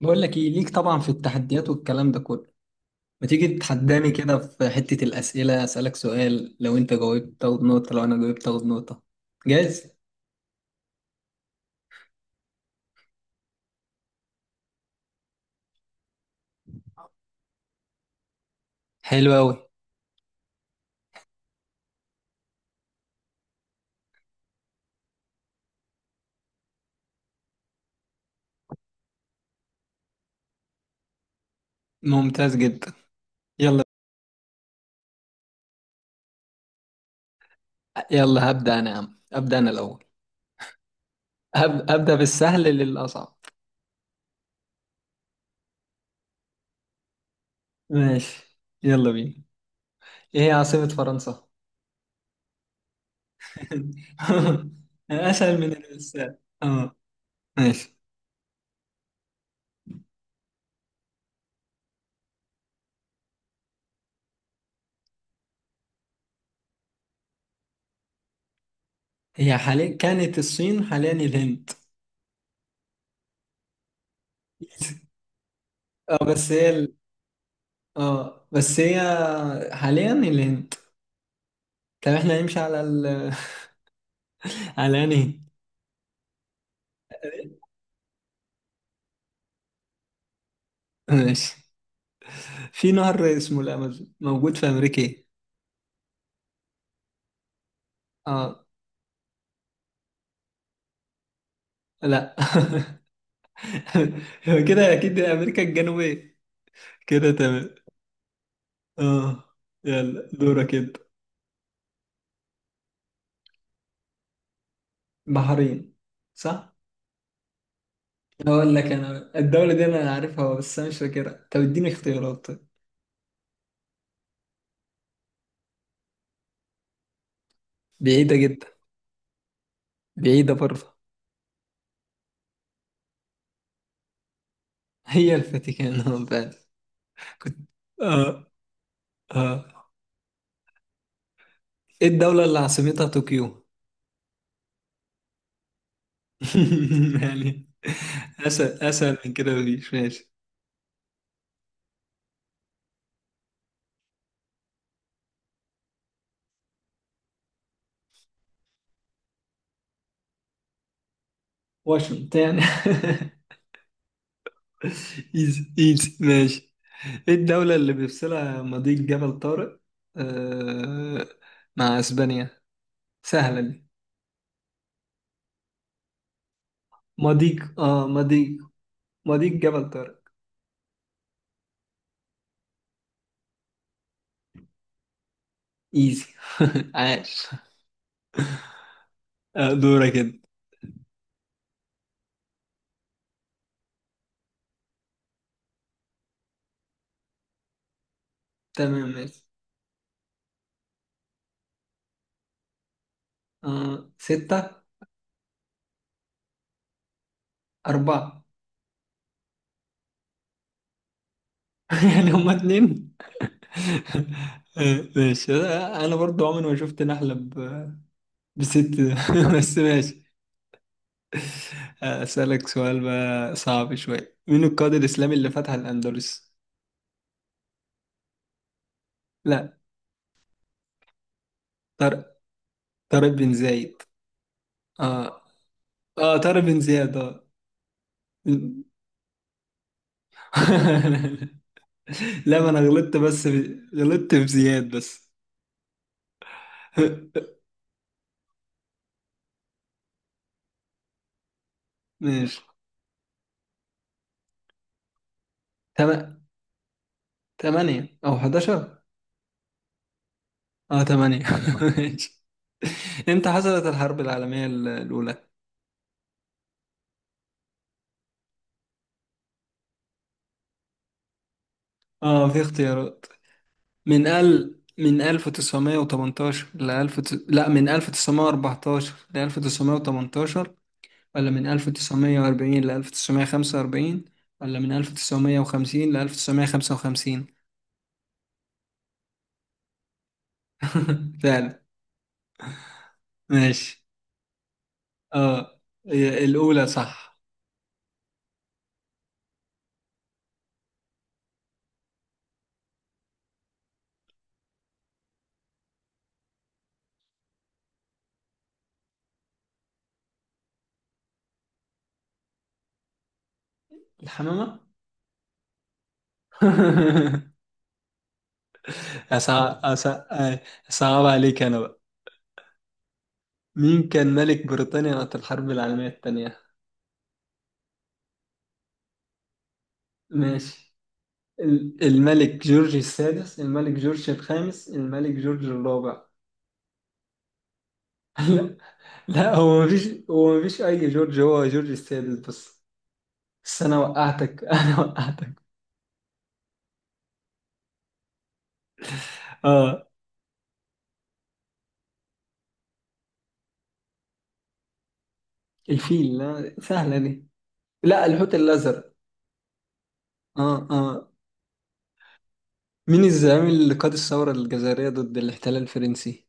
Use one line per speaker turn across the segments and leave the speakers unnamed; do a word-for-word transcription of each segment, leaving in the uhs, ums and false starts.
بقول لك ايه ليك، طبعا في التحديات والكلام ده كله. ما تيجي تتحداني كده في حتة الأسئلة، أسألك سؤال، لو أنت جاوبت تاخد نقطة، لو أنا جاوبت تاخد نقطة. جاهز؟ حلو أوي. ممتاز جدا. يلا. يلا هبدأ أنا، يا عم أبدأ أنا الأول. هب... أبدأ بالسهل للأصعب. ماشي، يلا بينا. إيه هي عاصمة فرنسا؟ أسهل من السهل، أه. ماشي. هي حاليا كانت الصين، حاليا الهند. اه، بس هي. اه، بس هي. حاليا الهند. طب احنا هنمشي على ال على انهي. هند؟ ماشي. في نهر اسمه الامازون موجود في امريكا، ايه؟ اه. لا. هو كده اكيد امريكا الجنوبية. كده تمام. اه. يلا دورك انت. بحرين. صح؟ اقول لك انا، الدولة دي انا عارفها بس انا مش فاكرها، طب اديني اختيارات طيب. بعيدة جدا. بعيدة برضه. هي الفاتيكان. آه، فعلا. كنت. اه. اه. ايه الدولة اللي عاصمتها طوكيو؟ يعني. اسهل اسهل من كده مفيش، ماشي. واشنطن يعني. ايزي ايزي، ماشي. ايه الدولة اللي بيفصلها مضيق جبل طارق، آه، مع اسبانيا؟ سهلة دي. مضيق اه مضيق. مضيق جبل طارق. ايزي. عاش. آه، دورك انت. تمام، ماشي. آه ستة. أربعة. يعني هما اتنين. آه، ماشي. آه، انا برضو عمري ما شفت نحلة بست بس، ماشي. أسألك سؤال بقى صعب شوية، مين القائد الإسلامي اللي فتح الأندلس؟ لا. طارق. طارق بن زايد. اه. اه، طارق بن زياد، اه. لا، ما أنا غلطت، بس في... غلطت في زياد بس. ماشي. تم... تمانية أو حداشر. اه، تمانية. ماشي. امتى حصلت الحرب العالمية الأولى؟ اه، في اختيارات. من ال من ألف وتسعميه وتمنتاشر ل ألف، لا، من ألف وتسعميه وأربعتاشر ل ألف وتسعمئة وثمانية عشر، ولا من ألف وتسعميه وأربعين ل ألف وتسعميه وخمسة وأربعين، ولا من ألف وتسعميه وخمسين ل ألف وتسعميه وخمسة وخمسين. فعلا. ماشي. اه. هي الأولى صح. الحمامة. أصعب أصعب. أصعب عليك أنا بقى. مين كان ملك بريطانيا وقت الحرب العالمية الثانية؟ ماشي. ال- الملك جورج السادس، الملك جورج الخامس، الملك جورج الرابع. لا، لا، هو مفيش هو مفيش أي جورج، هو جورج السادس بس. بس أنا وقعتك. أنا وقعتك. آه الفيل، لا، سهلة دي. لا، الحوت الأزرق. آه، آه. مين الزعيم اللي قاد الثورة الجزائرية ضد الاحتلال الفرنسي؟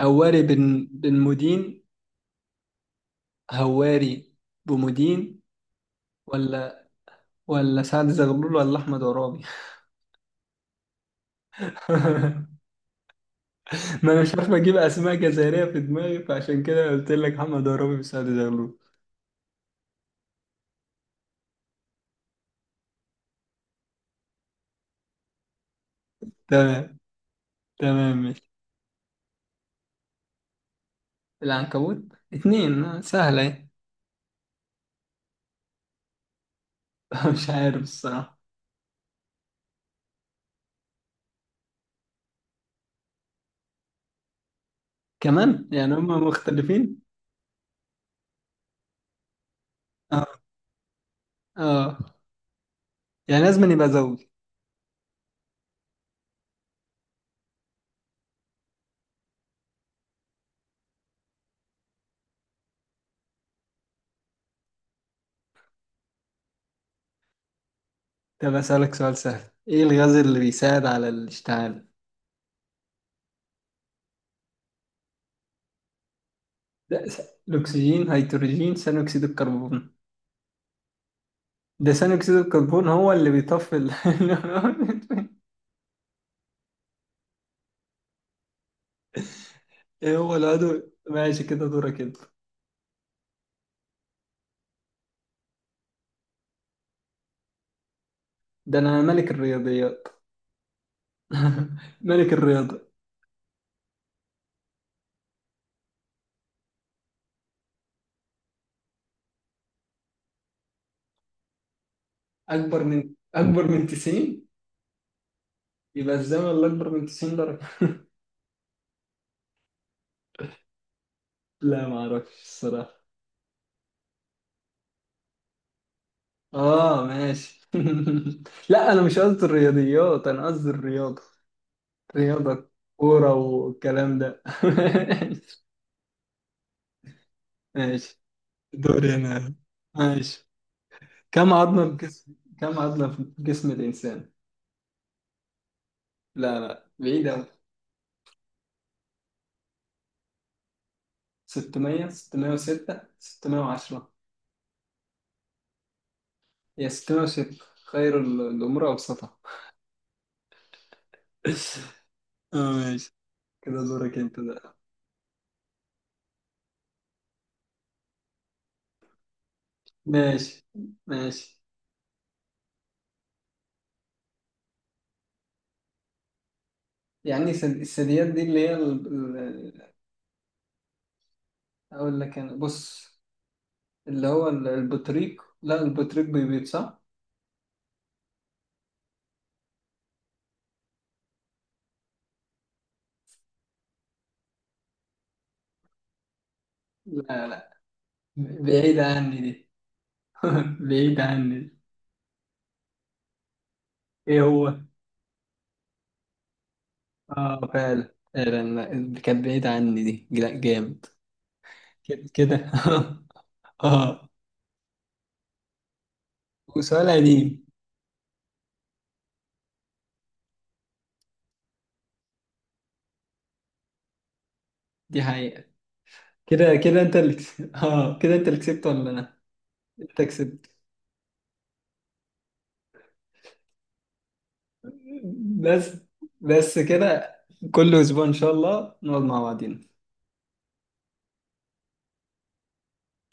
هواري بن بن مودين. هواري بمودين. ولا ولا سعد زغلول، ولا أحمد عرابي؟ ما انا مش عارف اجيب اسماء جزائريه في دماغي، فعشان كده قلت لك محمد عرابي وسعد زغلول. تمام. تمام، ماشي. العنكبوت. اتنين، آه، سهله. اهي. مش عارف الصراحه. كمان يعني هم مختلفين. اه. اه. يعني لازم يبقى زوج. طب اسالك سؤال سهل، ايه الغاز اللي بيساعد على الاشتعال؟ ده س- الاكسجين، هيدروجين، ثاني اكسيد الكربون. ده ثاني اكسيد الكربون هو اللي بيطفي ال- ايه هو العضو. ماشي، كده دورك كده. ده انا ملك الرياضيات. ملك الرياضة. أكبر من أكبر من تسعين. يبقى الزمن اللي أكبر من تسعين درجة. لا، ما أعرفش الصراحة. آه، ماشي. لا، أنا مش قصدي الرياضيات، أنا قصدي الرياضة. رياضة. كورة والكلام ده. ماشي. دوري أنا. ماشي. كم عظمة في جسم كم عظمة في جسم الإنسان؟ لا، لا، بعيد أوي. ستميه، ستمئة وستة، ستميه وعشرة. هي ستميه وستة، خير ال- الأمور أوسطها. اه، ماشي. كده دورك انت بقى. ماشي. ماشي. يعني سد- الثدييات دي اللي هي ال... ال- اقول لك انا، بص. اللي هو ال- البطريق، لا، البطريق بيبيض صح؟ لا. لا، بعيد عني دي. بعيد عني دي. ايه هو؟ اه، فعلا فعلا، لا، كانت بعيد عني دي، لا جامد. كده كده. اه. وسؤال قديم. دي حقيقة. كده كده انت اللي كسبت اه كده انت اللي كسبت ولا انا؟ انت كسبت. بس. بس كده. كل اسبوع ان شاء الله نقعد مع بعضينا.